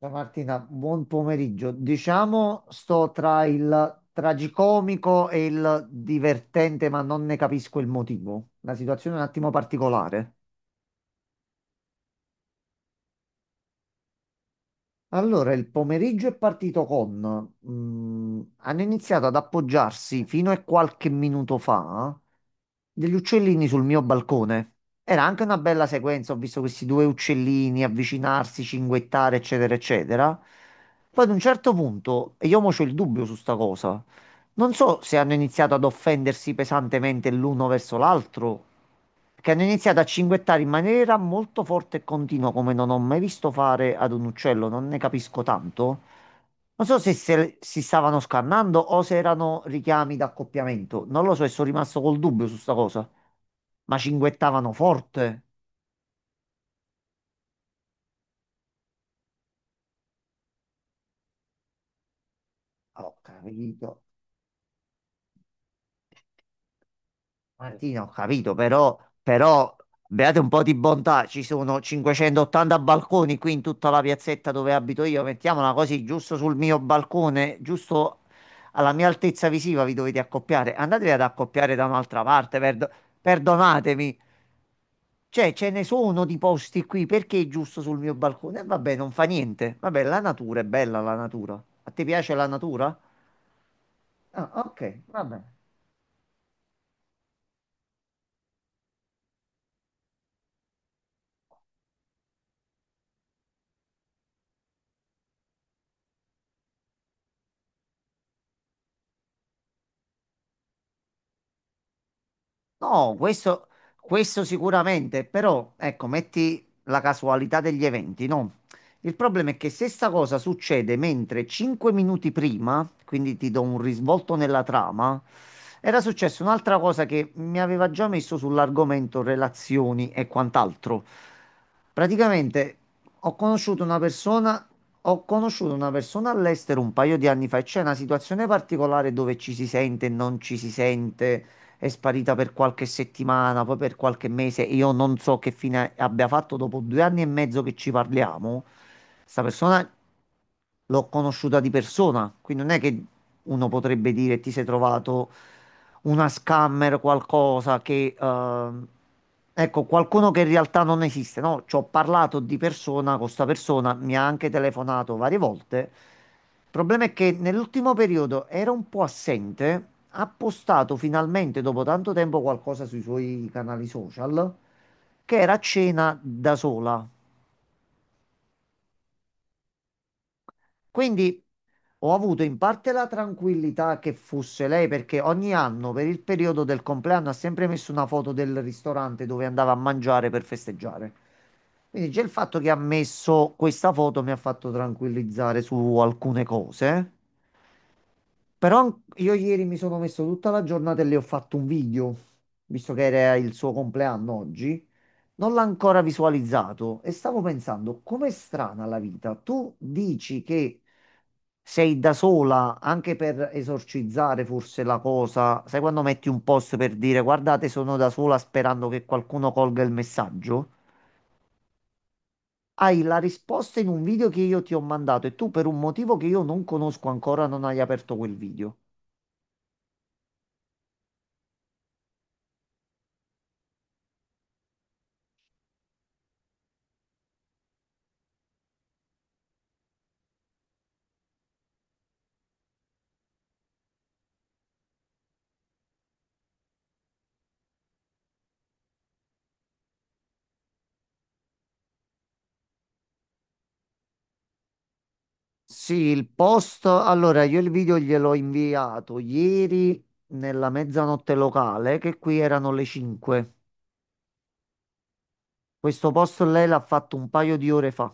Ciao Martina, buon pomeriggio. Diciamo, sto tra il tragicomico e il divertente, ma non ne capisco il motivo. La situazione è un attimo particolare. Allora, il pomeriggio è partito con hanno iniziato ad appoggiarsi fino a qualche minuto fa degli uccellini sul mio balcone. Era anche una bella sequenza, ho visto questi due uccellini avvicinarsi, cinguettare, eccetera, eccetera. Poi ad un certo punto, e io mo c'ho il dubbio su sta cosa, non so se hanno iniziato ad offendersi pesantemente l'uno verso l'altro che hanno iniziato a cinguettare in maniera molto forte e continua, come non ho mai visto fare ad un uccello, non ne capisco tanto. Non so se si stavano scannando o se erano richiami d'accoppiamento, non lo so e sono rimasto col dubbio su sta cosa. Ma cinguettavano forte. Allora, ho capito. Martina, ho capito, però beate un po' di bontà, ci sono 580 balconi qui in tutta la piazzetta dove abito io, mettiamola così, giusto sul mio balcone, giusto alla mia altezza visiva vi dovete accoppiare, andatevi ad accoppiare da un'altra parte, perdonatemi, cioè ce ne sono di posti qui, perché giusto sul mio balcone? E vabbè, non fa niente, vabbè, la natura è bella, la natura. A te piace la natura? Ah, ok, va bene. No, questo sicuramente, però ecco, metti la casualità degli eventi, no? Il problema è che se sta cosa succede mentre 5 minuti prima, quindi ti do un risvolto nella trama, era successa un'altra cosa che mi aveva già messo sull'argomento relazioni e quant'altro. Praticamente ho conosciuto una persona, ho conosciuto una persona all'estero un paio di anni fa e c'è una situazione particolare dove ci si sente e non ci si sente, è sparita per qualche settimana, poi per qualche mese. E io non so che fine abbia fatto dopo 2 anni e mezzo che ci parliamo. Sta persona l'ho conosciuta di persona, quindi non è che uno potrebbe dire ti sei trovato una scammer, qualcosa che ecco, qualcuno che in realtà non esiste, no? Ci ho parlato di persona con sta persona, mi ha anche telefonato varie volte. Il problema è che nell'ultimo periodo era un po' assente, ha postato finalmente dopo tanto tempo qualcosa sui suoi canali social, che era a cena da sola. Quindi ho avuto in parte la tranquillità che fosse lei perché ogni anno per il periodo del compleanno ha sempre messo una foto del ristorante dove andava a mangiare per festeggiare. Quindi già il fatto che ha messo questa foto mi ha fatto tranquillizzare su alcune cose. Io ieri mi sono messo tutta la giornata e le ho fatto un video, visto che era il suo compleanno oggi. Non l'ho ancora visualizzato e stavo pensando, com'è strana la vita. Tu dici che sei da sola anche per esorcizzare forse la cosa. Sai quando metti un post per dire guardate, sono da sola sperando che qualcuno colga il messaggio? Hai la risposta in un video che io ti ho mandato e tu per un motivo che io non conosco ancora non hai aperto quel video. Sì, il post, allora io il video gliel'ho inviato ieri nella mezzanotte locale, che qui erano le 5. Questo post lei l'ha fatto un paio di ore fa.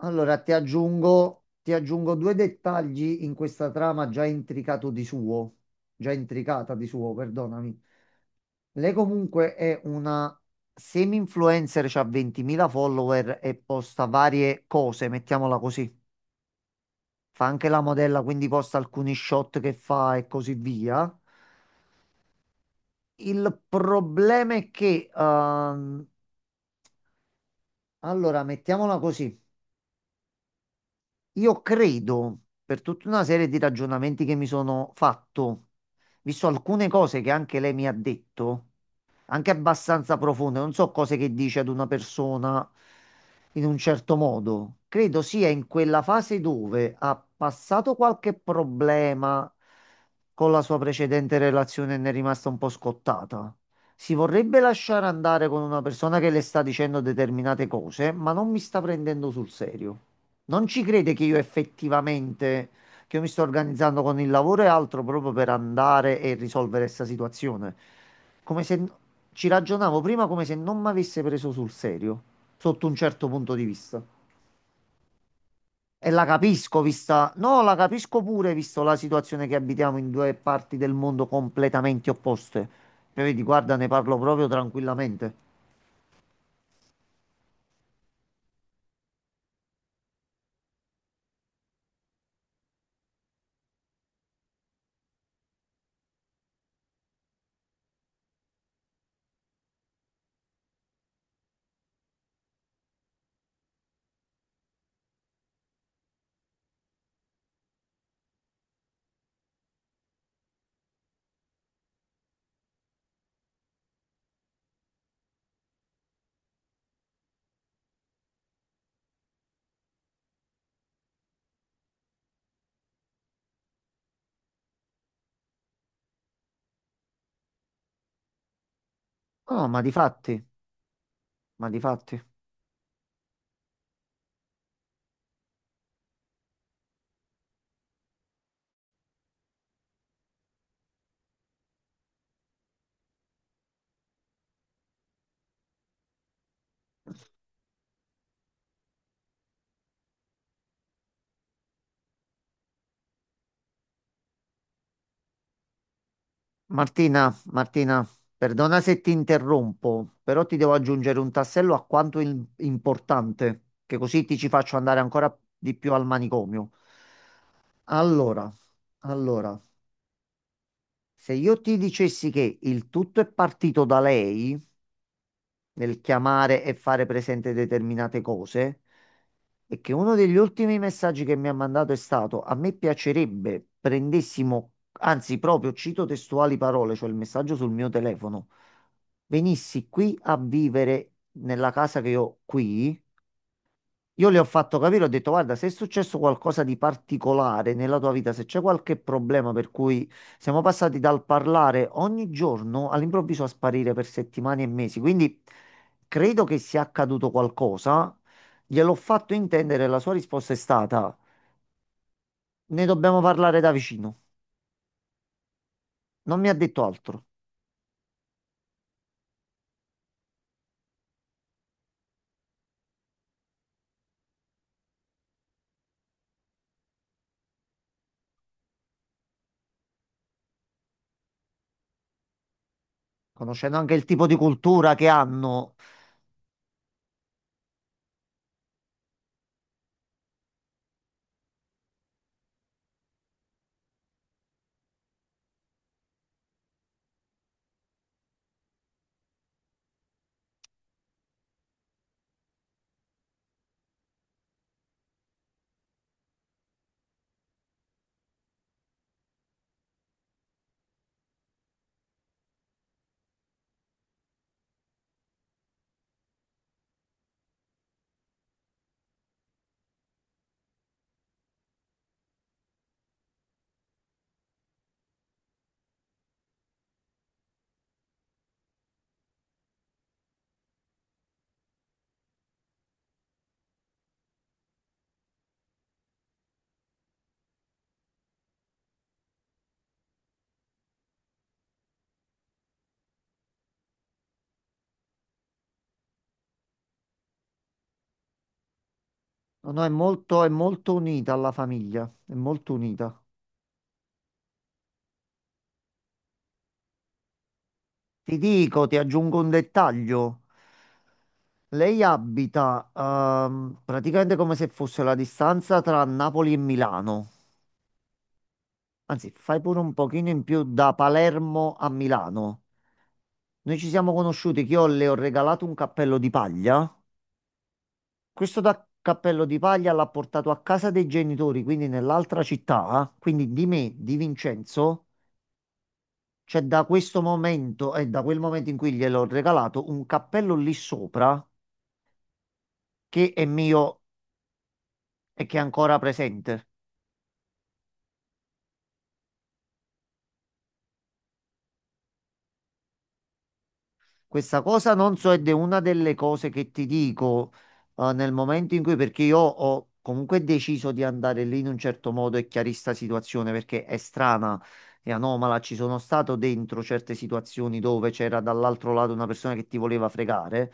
Allora ti aggiungo due dettagli in questa trama già intricata di suo, perdonami. Lei comunque è una semi-influencer, ha 20.000 follower e posta varie cose, mettiamola così. Fa anche la modella, quindi posta alcuni shot che fa e così via. Il problema è che, allora, mettiamola così, io credo, per tutta una serie di ragionamenti che mi sono fatto, visto alcune cose che anche lei mi ha detto, anche abbastanza profonde. Non so cose che dice ad una persona in un certo modo. Credo sia in quella fase dove ha passato qualche problema con la sua precedente relazione e ne è rimasta un po' scottata. Si vorrebbe lasciare andare con una persona che le sta dicendo determinate cose, ma non mi sta prendendo sul serio. Non ci crede che io mi sto organizzando con il lavoro e altro proprio per andare e risolvere questa situazione. Come se ci ragionavo prima come se non mi avesse preso sul serio, sotto un certo punto di vista. E la capisco, vista. No, la capisco pure, visto la situazione che abitiamo in due parti del mondo completamente opposte. Cioè, vedi, guarda, ne parlo proprio tranquillamente. No, ma di fatti. Martina, perdona se ti interrompo, però ti devo aggiungere un tassello a quanto importante, che così ti ci faccio andare ancora di più al manicomio. Allora, allora, se io ti dicessi che il tutto è partito da lei, nel chiamare e fare presente determinate cose. E che uno degli ultimi messaggi che mi ha mandato è stato: a me piacerebbe prendessimo, anzi, proprio cito testuali parole, cioè il messaggio sul mio telefono, venissi qui a vivere nella casa che ho qui. Io le ho fatto capire, ho detto, guarda, se è successo qualcosa di particolare nella tua vita, se c'è qualche problema per cui siamo passati dal parlare ogni giorno all'improvviso a sparire per settimane e mesi, quindi credo che sia accaduto qualcosa, gliel'ho fatto intendere, e la sua risposta è stata, ne dobbiamo parlare da vicino. Non mi ha detto altro. Conoscendo anche il tipo di cultura che hanno, no, no, è molto unita alla famiglia, è molto unita. Ti dico, ti aggiungo un dettaglio. Lei abita praticamente come se fosse la distanza tra Napoli e Milano. Anzi, fai pure un pochino in più da Palermo a Milano. Noi ci siamo conosciuti che io le ho regalato un cappello di paglia. Questo da cappello di paglia l'ha portato a casa dei genitori, quindi nell'altra città. Quindi di me, di Vincenzo, c'è da questo momento e da quel momento in cui gliel'ho regalato un cappello lì sopra che è mio e che è ancora presente. Questa cosa non so ed è una delle cose che ti dico nel momento in cui, perché io ho comunque deciso di andare lì in un certo modo e chiarista situazione perché è strana e anomala. Ci sono stato dentro certe situazioni dove c'era dall'altro lato una persona che ti voleva fregare.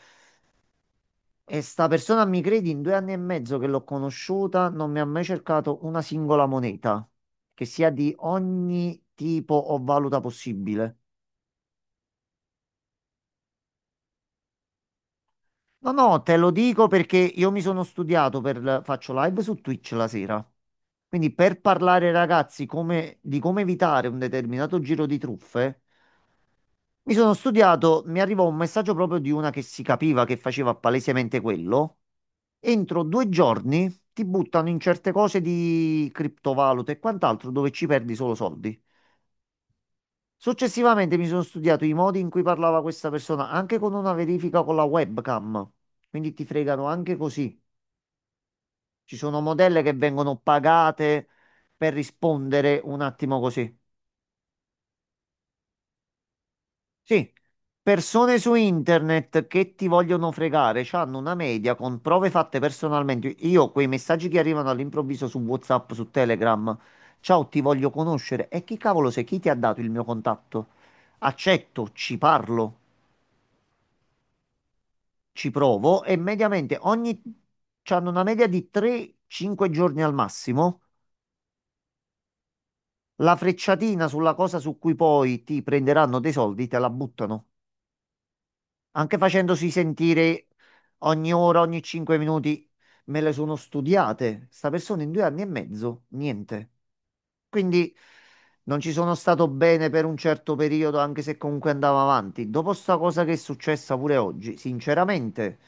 E sta persona, mi credi, in 2 anni e mezzo che l'ho conosciuta, non mi ha mai cercato una singola moneta, che sia di ogni tipo o valuta possibile. No, no, te lo dico perché io mi sono studiato per, faccio live su Twitch la sera. Quindi per parlare ai ragazzi di come evitare un determinato giro di truffe, mi sono studiato, mi arrivò un messaggio proprio di una che si capiva che faceva palesemente quello. Entro 2 giorni ti buttano in certe cose di criptovalute e quant'altro dove ci perdi solo soldi. Successivamente mi sono studiato i modi in cui parlava questa persona, anche con una verifica con la webcam. Quindi ti fregano anche così. Ci sono modelle che vengono pagate per rispondere un attimo così. Sì, persone su internet che ti vogliono fregare, hanno una media con prove fatte personalmente. Io quei messaggi che arrivano all'improvviso su WhatsApp, su Telegram, ciao, ti voglio conoscere. E chi cavolo sei? Chi ti ha dato il mio contatto? Accetto, ci parlo, ci provo e mediamente ogni, hanno una media di 3-5 giorni al massimo. La frecciatina sulla cosa su cui poi ti prenderanno dei soldi, te la buttano. Anche facendosi sentire ogni ora, ogni 5 minuti, me le sono studiate. Sta persona in 2 anni e mezzo, niente. Quindi non ci sono stato bene per un certo periodo, anche se comunque andava avanti. Dopo sta cosa che è successa pure oggi, sinceramente,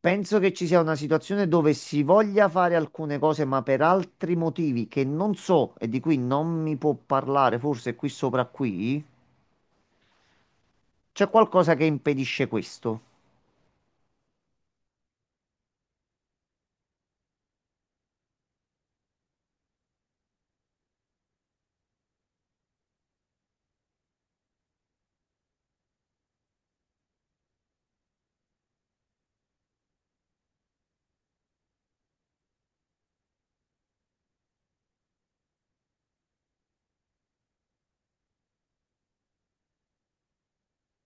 penso che ci sia una situazione dove si voglia fare alcune cose, ma per altri motivi che non so e di cui non mi può parlare, forse qui sopra qui, c'è qualcosa che impedisce questo.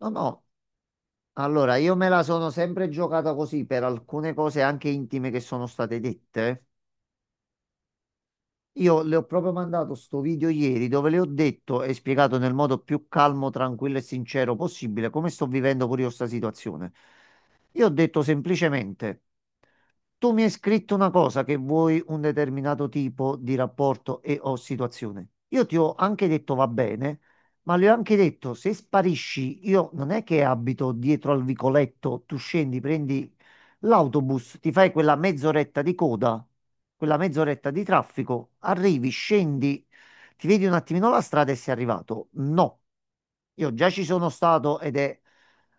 No, no. Allora, io me la sono sempre giocata così per alcune cose anche intime che sono state dette. Io le ho proprio mandato sto video ieri dove le ho detto e spiegato nel modo più calmo, tranquillo e sincero possibile come sto vivendo pure io sta situazione. Io ho detto semplicemente. Tu mi hai scritto una cosa che vuoi un determinato tipo di rapporto e o situazione. Io ti ho anche detto va bene, ma le ho anche detto se sparisci, io non è che abito dietro al vicoletto, tu scendi, prendi l'autobus, ti fai quella mezz'oretta di coda, quella mezz'oretta di traffico, arrivi, scendi, ti vedi un attimino la strada e sei arrivato? No, io già ci sono stato ed è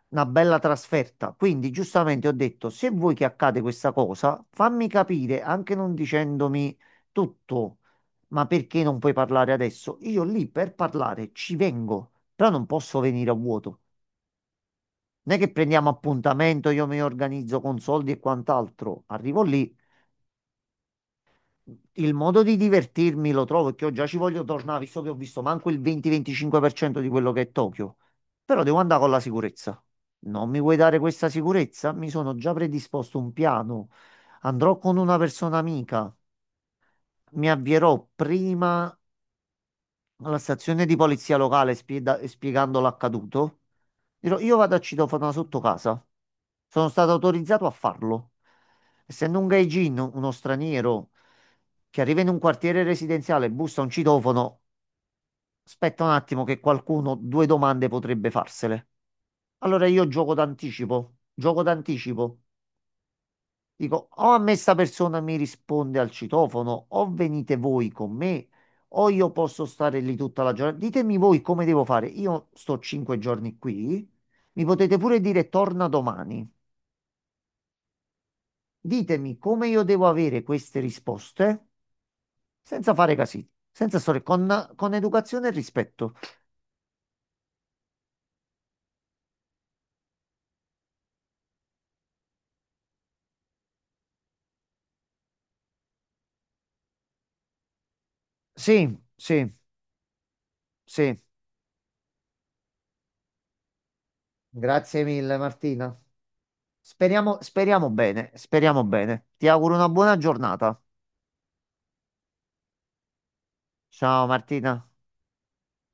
una bella trasferta. Quindi, giustamente ho detto: se vuoi che accade questa cosa, fammi capire, anche non dicendomi tutto, ma perché non puoi parlare adesso? Io lì per parlare ci vengo, però non posso venire a vuoto. Non è che prendiamo appuntamento, io mi organizzo con soldi e quant'altro. Arrivo lì, il modo di divertirmi lo trovo perché io già ci voglio tornare, visto che ho visto manco il 20-25% di quello che è Tokyo. Però devo andare con la sicurezza. Non mi vuoi dare questa sicurezza? Mi sono già predisposto un piano. Andrò con una persona amica. Mi avvierò prima alla stazione di polizia locale spiegando l'accaduto. Dirò, io vado a citofono sotto casa. Sono stato autorizzato a farlo. Essendo un gaijin, uno straniero che arriva in un quartiere residenziale, e bussa a un citofono, aspetta un attimo che qualcuno due domande potrebbe farsele. Allora io gioco d'anticipo, gioco d'anticipo. Dico, o a me sta persona mi risponde al citofono, o venite voi con me, o io posso stare lì tutta la giornata. Ditemi voi come devo fare. Io sto 5 giorni qui, mi potete pure dire torna domani. Ditemi come io devo avere queste risposte senza fare casini, senza storie, con educazione e rispetto. Sì, sì, sì. Grazie mille, Martina. Speriamo, speriamo bene, speriamo bene. Ti auguro una buona giornata. Ciao, Martina.